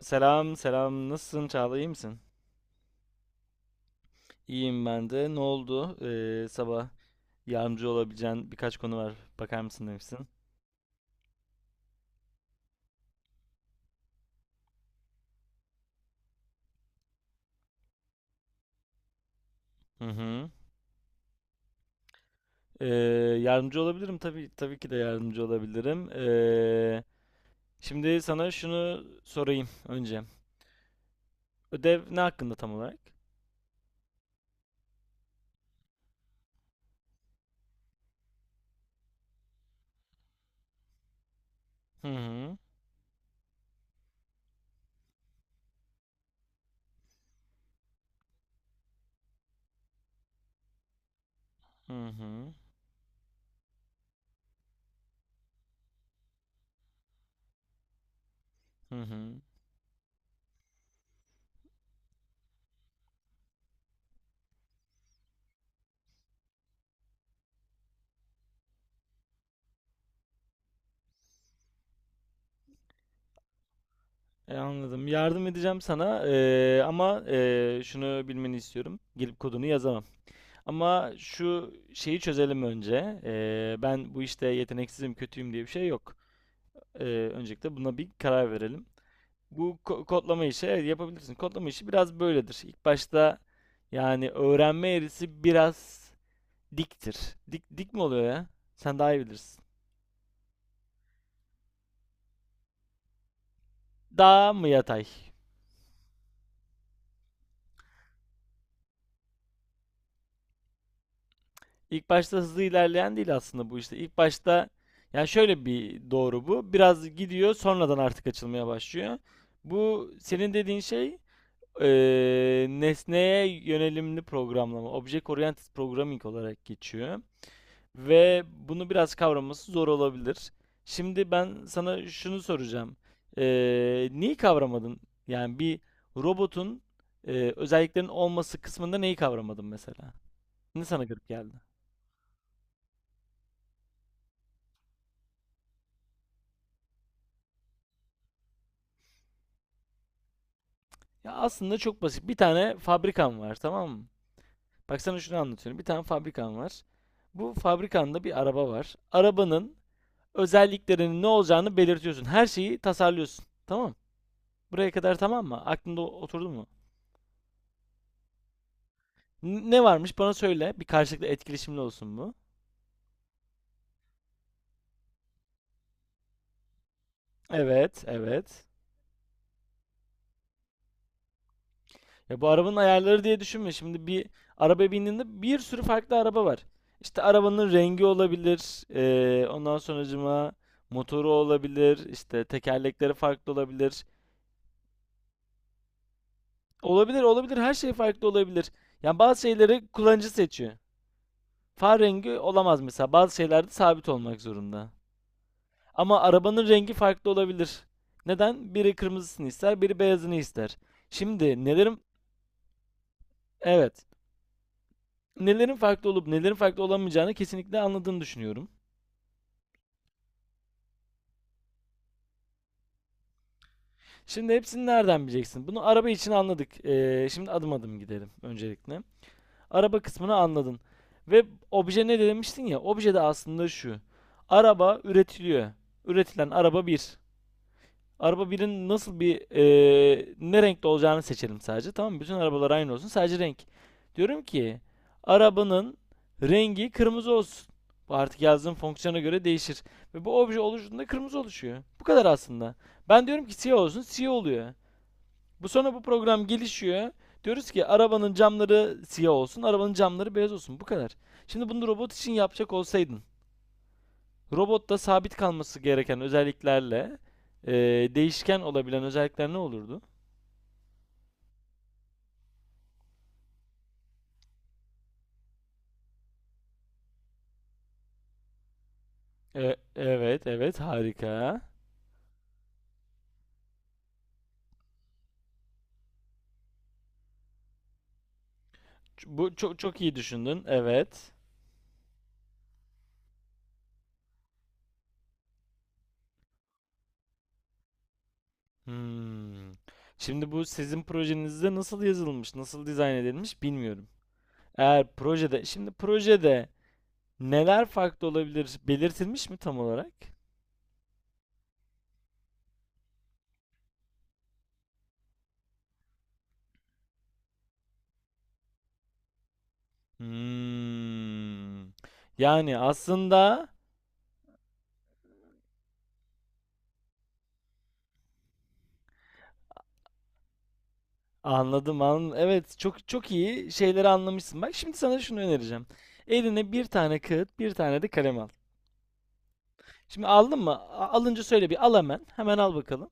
Selam selam nasılsın Çağla iyi misin? İyiyim ben de. Ne oldu? Sabah yardımcı olabileceğin birkaç konu var. Bakar mısın demişsin. Hı hı. Ee, yardımcı olabilirim tabii ki de yardımcı olabilirim. Şimdi sana şunu sorayım önce. Ödev ne hakkında tam olarak? Hı hı. Hı hı. Hı hı. Anladım. Yardım edeceğim sana ama şunu bilmeni istiyorum. Gelip kodunu yazamam. Ama şu şeyi çözelim önce. Ben bu işte yeteneksizim, kötüyüm diye bir şey yok. Ee, öncelikle buna bir karar verelim. Bu kodlama işi evet yapabilirsin. Kodlama işi biraz böyledir. İlk başta yani öğrenme eğrisi biraz diktir. Dik, dik mi oluyor ya? Sen daha iyi bilirsin. Daha mı yatay? İlk başta hızlı ilerleyen değil aslında bu işte. İlk başta yani şöyle bir doğru bu. Biraz gidiyor sonradan artık açılmaya başlıyor. Bu senin dediğin şey. Nesneye yönelimli programlama, Object Oriented Programming olarak geçiyor. Ve bunu biraz kavraması zor olabilir. Şimdi ben sana şunu soracağım. Neyi kavramadın? Yani bir robotun özelliklerinin olması kısmında neyi kavramadın mesela? Ne sana garip geldi? Ya aslında çok basit. Bir tane fabrikan var, tamam mı? Bak sana şunu anlatıyorum. Bir tane fabrikan var. Bu fabrikanda bir araba var. Arabanın özelliklerinin ne olacağını belirtiyorsun. Her şeyi tasarlıyorsun. Tamam. Buraya kadar tamam mı? Aklında oturdu mu? Ne varmış bana söyle. Bir karşılıklı etkileşimli olsun bu. Evet, evet. Ya bu arabanın ayarları diye düşünme. Şimdi bir araba bindiğinde bir sürü farklı araba var. İşte arabanın rengi olabilir. Ondan sonracıma motoru olabilir. İşte tekerlekleri farklı olabilir. Olabilir, olabilir. Her şey farklı olabilir. Yani bazı şeyleri kullanıcı seçiyor. Far rengi olamaz mesela. Bazı şeylerde sabit olmak zorunda. Ama arabanın rengi farklı olabilir. Neden? Biri kırmızısını ister, biri beyazını ister. Şimdi nelerin, evet, nelerin farklı olup nelerin farklı olamayacağını kesinlikle anladığını düşünüyorum. Şimdi hepsini nereden bileceksin? Bunu araba için anladık. Şimdi adım adım gidelim öncelikle. Araba kısmını anladın. Ve obje ne demiştin ya? Obje de aslında şu. Araba üretiliyor. Üretilen araba bir. Araba birin nasıl bir ne renkte olacağını seçelim sadece. Tamam mı? Bütün arabalar aynı olsun. Sadece renk. Diyorum ki arabanın rengi kırmızı olsun. Bu artık yazdığım fonksiyona göre değişir. Ve bu obje oluştuğunda kırmızı oluşuyor. Bu kadar aslında. Ben diyorum ki siyah olsun. Siyah oluyor. Bu sonra bu program gelişiyor. Diyoruz ki arabanın camları siyah olsun. Arabanın camları beyaz olsun. Bu kadar. Şimdi bunu robot için yapacak olsaydın. Robotta sabit kalması gereken özelliklerle e, değişken olabilen özellikler ne olurdu? Evet, evet, harika. Bu çok çok iyi düşündün. Evet. Hmm. Şimdi bu sizin projenizde nasıl yazılmış, nasıl dizayn edilmiş bilmiyorum. Eğer projede, şimdi projede neler farklı olabilir belirtilmiş mi tam olarak? Hmm. Yani aslında. Anladım, anladım. Evet, çok çok iyi şeyleri anlamışsın. Bak şimdi sana şunu önereceğim. Eline bir tane kağıt, bir tane de kalem al. Şimdi aldın mı? Alınca söyle, bir al hemen. Hemen al bakalım.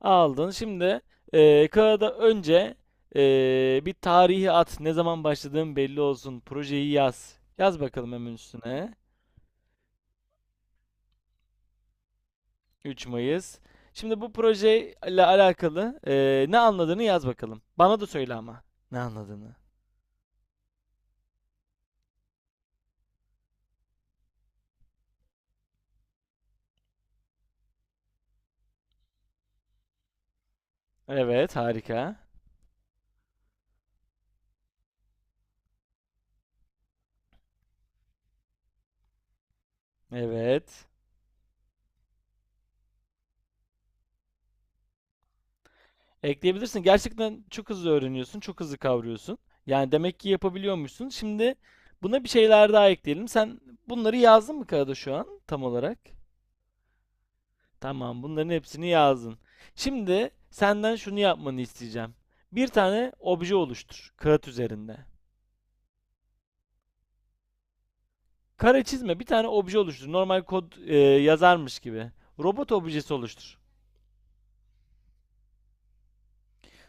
Aldın. Şimdi kağıda önce bir tarihi at. Ne zaman başladığın belli olsun. Projeyi yaz. Yaz bakalım hemen üstüne. 3 Mayıs. Şimdi bu projeyle alakalı ne anladığını yaz bakalım. Bana da söyle ama. Ne anladığını. Evet, harika. Evet. Ekleyebilirsin. Gerçekten çok hızlı öğreniyorsun, çok hızlı kavruyorsun. Yani demek ki yapabiliyormuşsun. Şimdi buna bir şeyler daha ekleyelim. Sen bunları yazdın mı kağıda şu an tam olarak? Tamam, bunların hepsini yazdın. Şimdi senden şunu yapmanı isteyeceğim. Bir tane obje oluştur kağıt üzerinde. Kare çizme, bir tane obje oluştur. Normal kod yazarmış gibi. Robot objesi oluştur.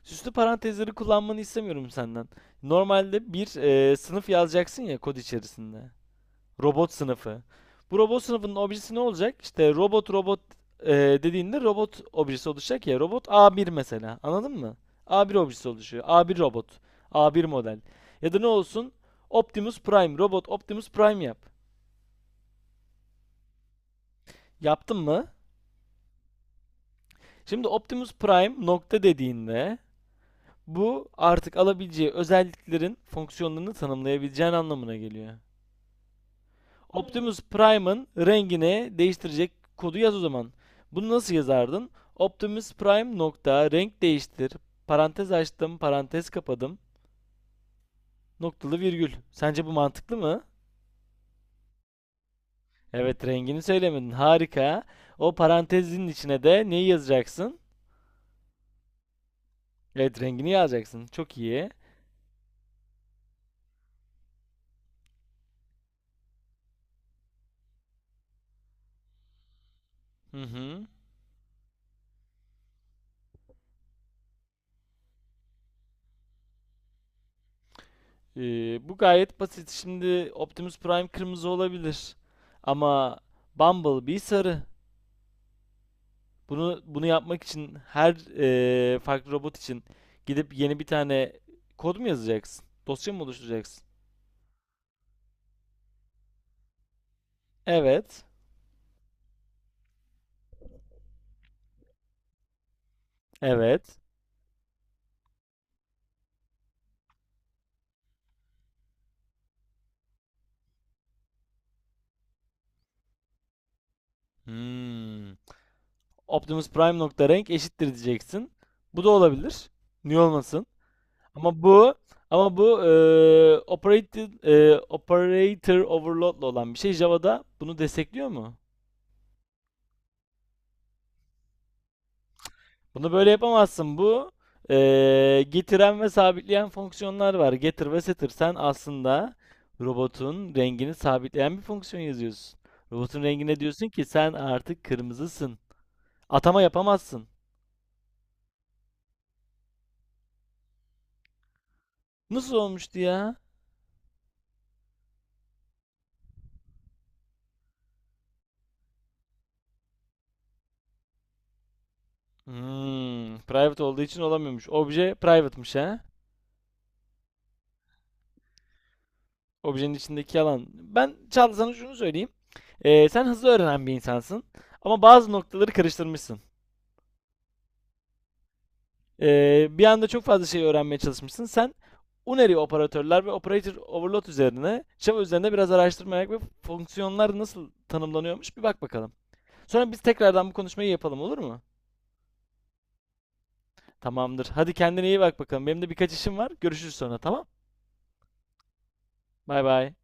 Süslü parantezleri kullanmanı istemiyorum senden. Normalde bir sınıf yazacaksın ya kod içerisinde. Robot sınıfı. Bu robot sınıfının objesi ne olacak? İşte robot e, dediğinde robot objesi oluşacak ya. Robot A1 mesela. Anladın mı? A1 objesi oluşuyor. A1 robot. A1 model. Ya da ne olsun? Optimus Prime. Robot Optimus Prime yap. Yaptın mı? Şimdi Optimus Prime nokta dediğinde bu artık alabileceği özelliklerin fonksiyonlarını tanımlayabileceğin anlamına geliyor. Optimus Prime'ın rengini değiştirecek kodu yaz o zaman. Bunu nasıl yazardın? Optimus Prime nokta renk değiştir. Parantez açtım, parantez kapadım. Noktalı virgül. Sence bu mantıklı mı? Evet, rengini söylemedin. Harika. O parantezin içine de neyi yazacaksın? Evet, rengini yazacaksın. Çok iyi. Hı hı. Bu gayet basit. Şimdi Optimus Prime kırmızı olabilir. Ama Bumblebee sarı. Bunu yapmak için her farklı robot için gidip yeni bir tane kod mu yazacaksın? Dosya mı oluşturacaksın? Evet. Evet. Hmm. Optimus Prime nokta renk eşittir diyeceksin. Bu da olabilir. Niye olmasın? Ama bu ama bu operator overload'la olan bir şey. Java'da bunu destekliyor mu? Bunu böyle yapamazsın. Bu getiren ve sabitleyen fonksiyonlar var. Getir ve setir. Sen aslında robotun rengini sabitleyen bir fonksiyon yazıyorsun. Robotun rengine diyorsun ki sen artık kırmızısın. Atama yapamazsın. Nasıl olmuştu ya? Private olduğu için olamıyormuş. Obje private'mış ha. Objenin içindeki alan. Ben Çağla sana şunu söyleyeyim. Sen hızlı öğrenen bir insansın. Ama bazı noktaları karıştırmışsın. Bir anda çok fazla şey öğrenmeye çalışmışsın. Sen Unary operatörler ve operator overload üzerine, Java üzerinde biraz araştırma yap ve fonksiyonlar nasıl tanımlanıyormuş bir bak bakalım. Sonra biz tekrardan bu konuşmayı yapalım olur mu? Tamamdır. Hadi kendine iyi bak bakalım. Benim de birkaç işim var. Görüşürüz sonra tamam? Bay bay.